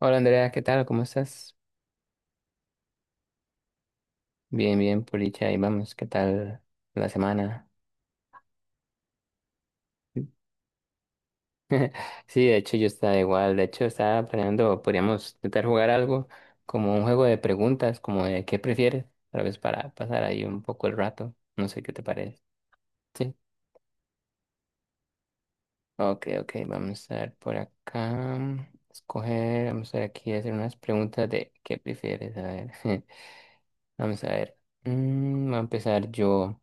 Hola Andrea, ¿qué tal? ¿Cómo estás? Bien, bien, por dicha, ahí vamos, ¿qué tal la semana? Sí, de hecho yo estaba igual, de hecho estaba planeando, podríamos intentar jugar algo como un juego de preguntas, como de qué prefieres, tal vez para pasar ahí un poco el rato, no sé qué te parece. Sí, ok, ok, vamos a ver por acá, escoger, vamos a ver aquí, hacer unas preguntas de qué prefieres, a ver, vamos a ver. Voy a empezar yo.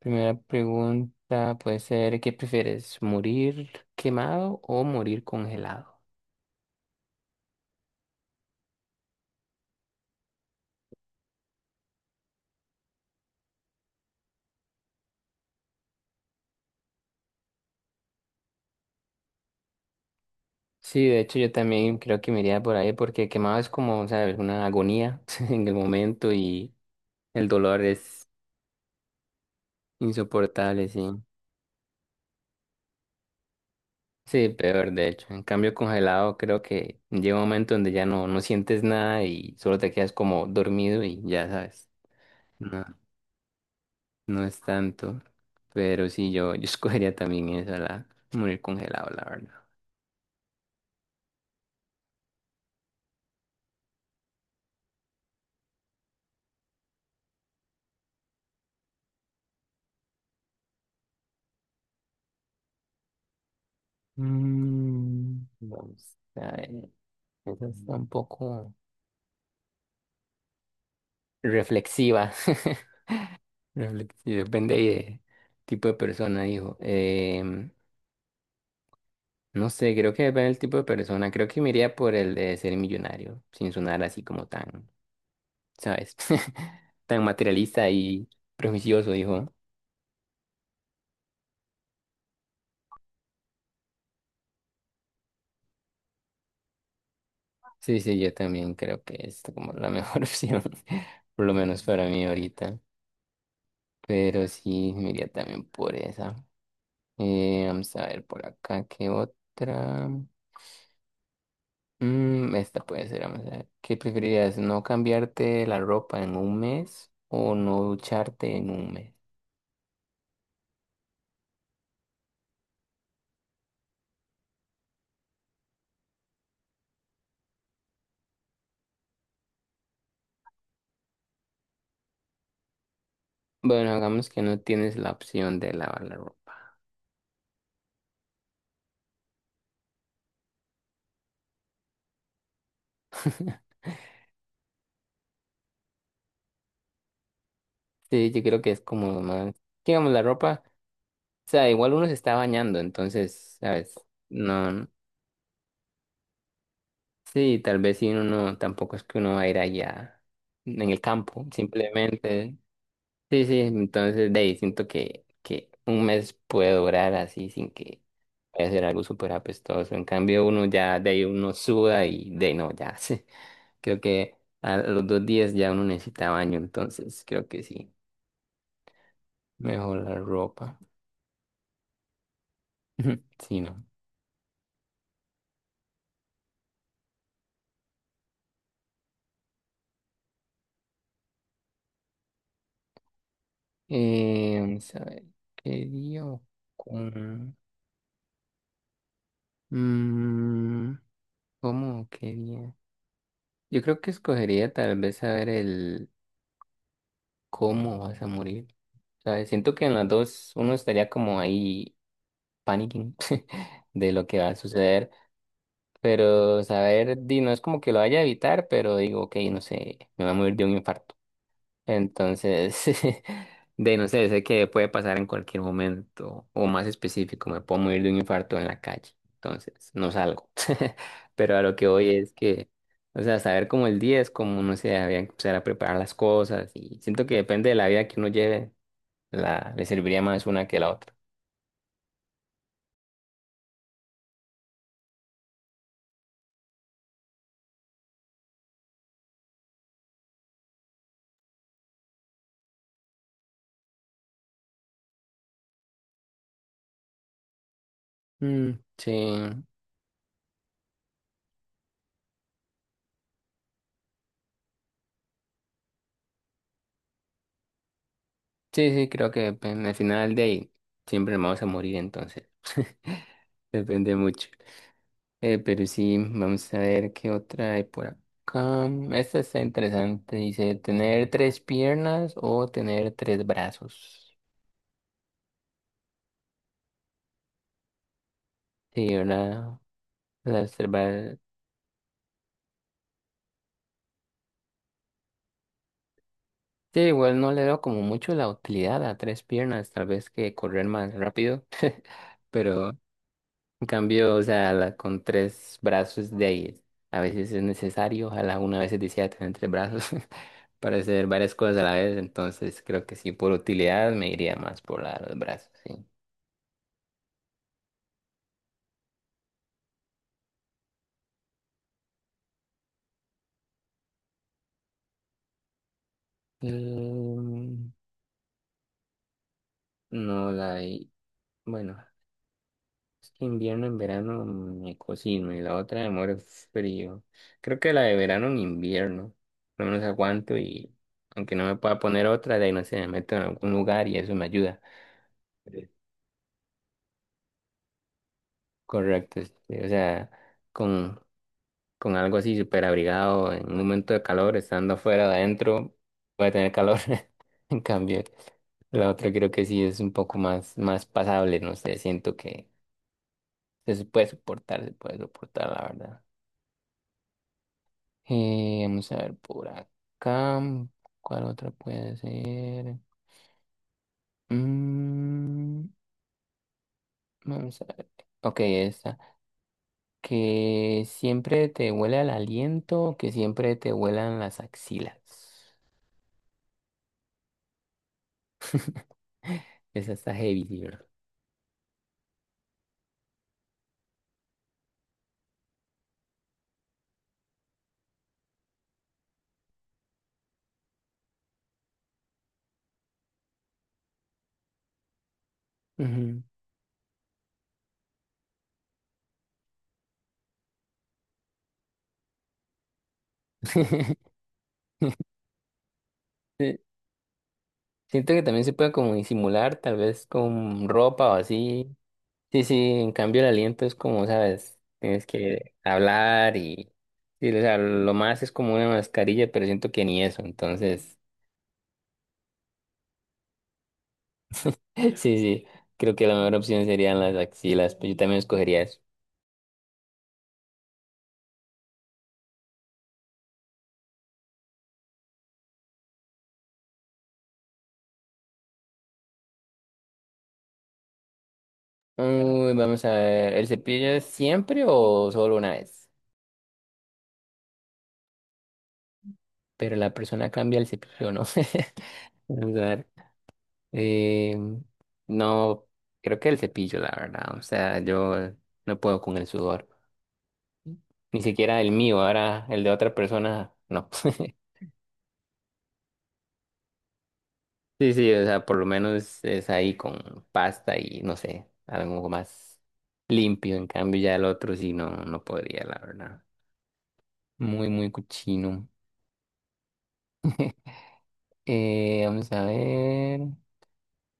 Primera pregunta puede ser, ¿qué prefieres? ¿Morir quemado o morir congelado? Sí, de hecho yo también creo que me iría por ahí porque quemado es como, ¿sabes? Una agonía en el momento y el dolor es insoportable, sí. Sí, peor de hecho. En cambio congelado creo que llega un momento donde ya no, no sientes nada y solo te quedas como dormido y ya sabes. No, no es tanto. Pero sí, yo escogería también eso, la morir congelado, la verdad. Vamos a ver. Esa está un poco reflexiva. Reflexi- Depende ahí de tipo de persona, dijo. No sé, creo que depende del tipo de persona. Creo que me iría por el de ser millonario, sin sonar así como tan, ¿sabes? Tan materialista y prejuicioso, dijo. Sí, sí, yo también creo que es como la mejor opción, por lo menos para mí ahorita. Pero sí, me iría también por esa. Vamos a ver por acá, ¿qué otra? Esta puede ser, vamos a ver. ¿Qué preferirías? ¿No cambiarte la ropa en un mes o no ducharte en un mes? Bueno, hagamos que no tienes la opción de lavar la ropa. Sí, yo creo que es como más. Digamos, la ropa, o sea, igual uno se está bañando, entonces, ¿sabes? No, sí, tal vez si uno no, tampoco es que uno va a ir allá en el campo, simplemente. Sí, sí, entonces de ahí siento que un mes puede durar así sin que vaya a ser algo súper apestoso. En cambio, uno ya de ahí uno suda y de ahí no, ya sí. Creo que a los dos días ya uno necesita baño, entonces creo que sí. Mejor la ropa. Sí, ¿no? Vamos a ver, ¿qué día o con... Mm, ¿cómo? ¿Qué día? Yo creo que escogería tal vez saber el cómo vas a morir. Sea, siento que en las dos uno estaría como ahí panicking de lo que va a suceder, pero saber, di, no es como que lo vaya a evitar, pero digo, ok, no sé, me va a morir de un infarto. Entonces, de no sé, sé que puede pasar en cualquier momento, o más específico, me puedo morir de un infarto en la calle, entonces no salgo. Pero a lo que voy es que, o sea, saber como el día es como, no sé, había que empezar a preparar las cosas y siento que depende de la vida que uno lleve la, le serviría más una que la otra. Mm, sí, sí, sí, creo que pues, al final de ahí siempre nos vamos a morir, entonces depende mucho. Pero sí, vamos a ver qué otra hay por acá. Esta está interesante, dice, ¿tener tres piernas o tener tres brazos? Sí, ¿verdad? Las tres bra- Sí, igual no le veo como mucho la utilidad a tres piernas, tal vez que correr más rápido, pero... En cambio, o sea, la- con tres brazos de ahí, a veces es necesario, ojalá una vez decía tener tres brazos para hacer varias cosas a la vez, entonces creo que sí, por utilidad me iría más por la de los brazos, sí. Em, no, la de, bueno, es que invierno en verano me cocino y la otra me muero frío. Creo que la de verano en invierno, por lo menos aguanto y aunque no me pueda poner otra, de ahí no sé, me meto en algún lugar y eso me ayuda. Correcto, sí, sí, o sea, con, con algo así súper abrigado, en un momento de calor, estando afuera o adentro, puede tener calor. En cambio, la otra creo que sí es un poco más, más pasable, no sé, siento que se puede soportar, la verdad. Vamos a ver por acá, ¿cuál otra puede ser? Mm, vamos a ver. Ok, esta. Que siempre te huela el aliento, que siempre te huelan las axilas. Esa está heavy, sí, bro. Ujú. Sí, siento que también se puede como disimular, tal vez con ropa o así. Sí, sí, en cambio el aliento es como, sabes, tienes que hablar y... Sí, o sea, lo más es como una mascarilla, pero siento que ni eso, entonces... Sí, sí, creo que la mejor opción serían las axilas, pero yo también escogería eso. Uy, vamos a ver, ¿el cepillo es siempre o solo una vez? Pero la persona cambia el cepillo, ¿no? Vamos a ver. Eh, no, creo que el cepillo, la verdad. O sea, yo no puedo con el sudor. Ni siquiera el mío, ahora el de otra persona, no. Sí, sí, o sea, por lo menos es ahí con pasta y no sé, algo más limpio. En cambio, ya el otro sí no, no podría, la verdad. Muy, muy cochino. Vamos a ver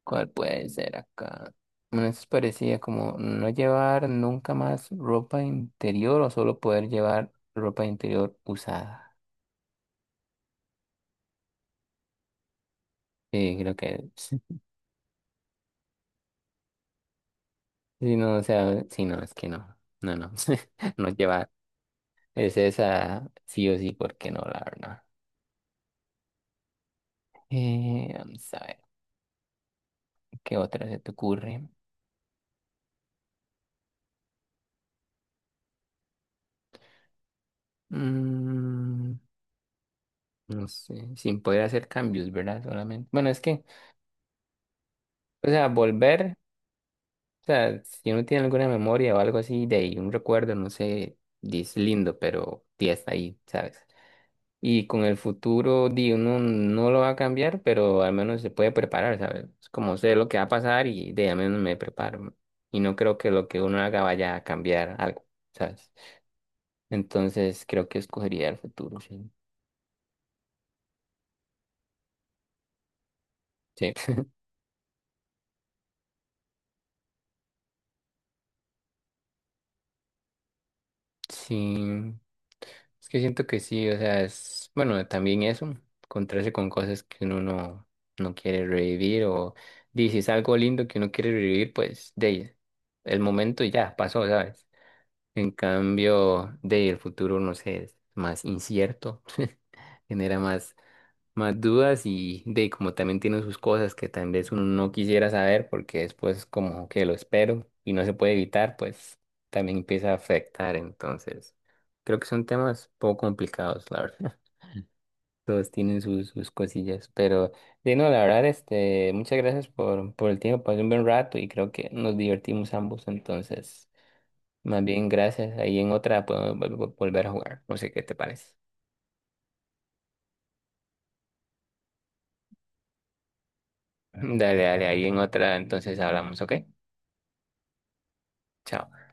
cuál puede ser acá. Bueno, eso parecía como no llevar nunca más ropa interior o solo poder llevar ropa interior usada. Sí, creo que sí, sí, no, o sea, sí, no, es que no llevar, es esa sí o sí, porque no, la verdad. Vamos a ver, ¿qué otra se te ocurre? Mm, no sé, sin poder hacer cambios, ¿verdad? Solamente. Bueno, es que, o sea, volver. O sea, si uno tiene alguna memoria o algo así de ahí, un recuerdo, no sé, di, es lindo, pero di, está ahí, ¿sabes? Y con el futuro, di, uno no lo va a cambiar, pero al menos se puede preparar, ¿sabes? Es como sé lo que va a pasar y de al menos me preparo. Y no creo que lo que uno haga vaya a cambiar algo, ¿sabes? Entonces creo que escogería el futuro, sí. Sí. Sí, es que siento que sí, o sea, es, bueno, también eso, encontrarse con cosas que uno no, no quiere revivir o dices si es algo lindo que uno quiere revivir, pues de ahí, el momento ya pasó, ¿sabes? En cambio, de ahí, el futuro, no sé, es más incierto, genera más más dudas y de como también tienen sus cosas que tal vez uno no quisiera saber porque después como que lo espero y no se puede evitar, pues también empieza a afectar. Entonces, creo que son temas poco complicados, la verdad. Todos tienen sus, sus cosillas, pero de no, la verdad, este, muchas gracias por el tiempo, pasé un buen rato y creo que nos divertimos ambos, entonces, más bien gracias, ahí en otra podemos volver a jugar, no sé qué te parece. Dale, dale, ahí en otra, entonces hablamos, ¿ok? Chao.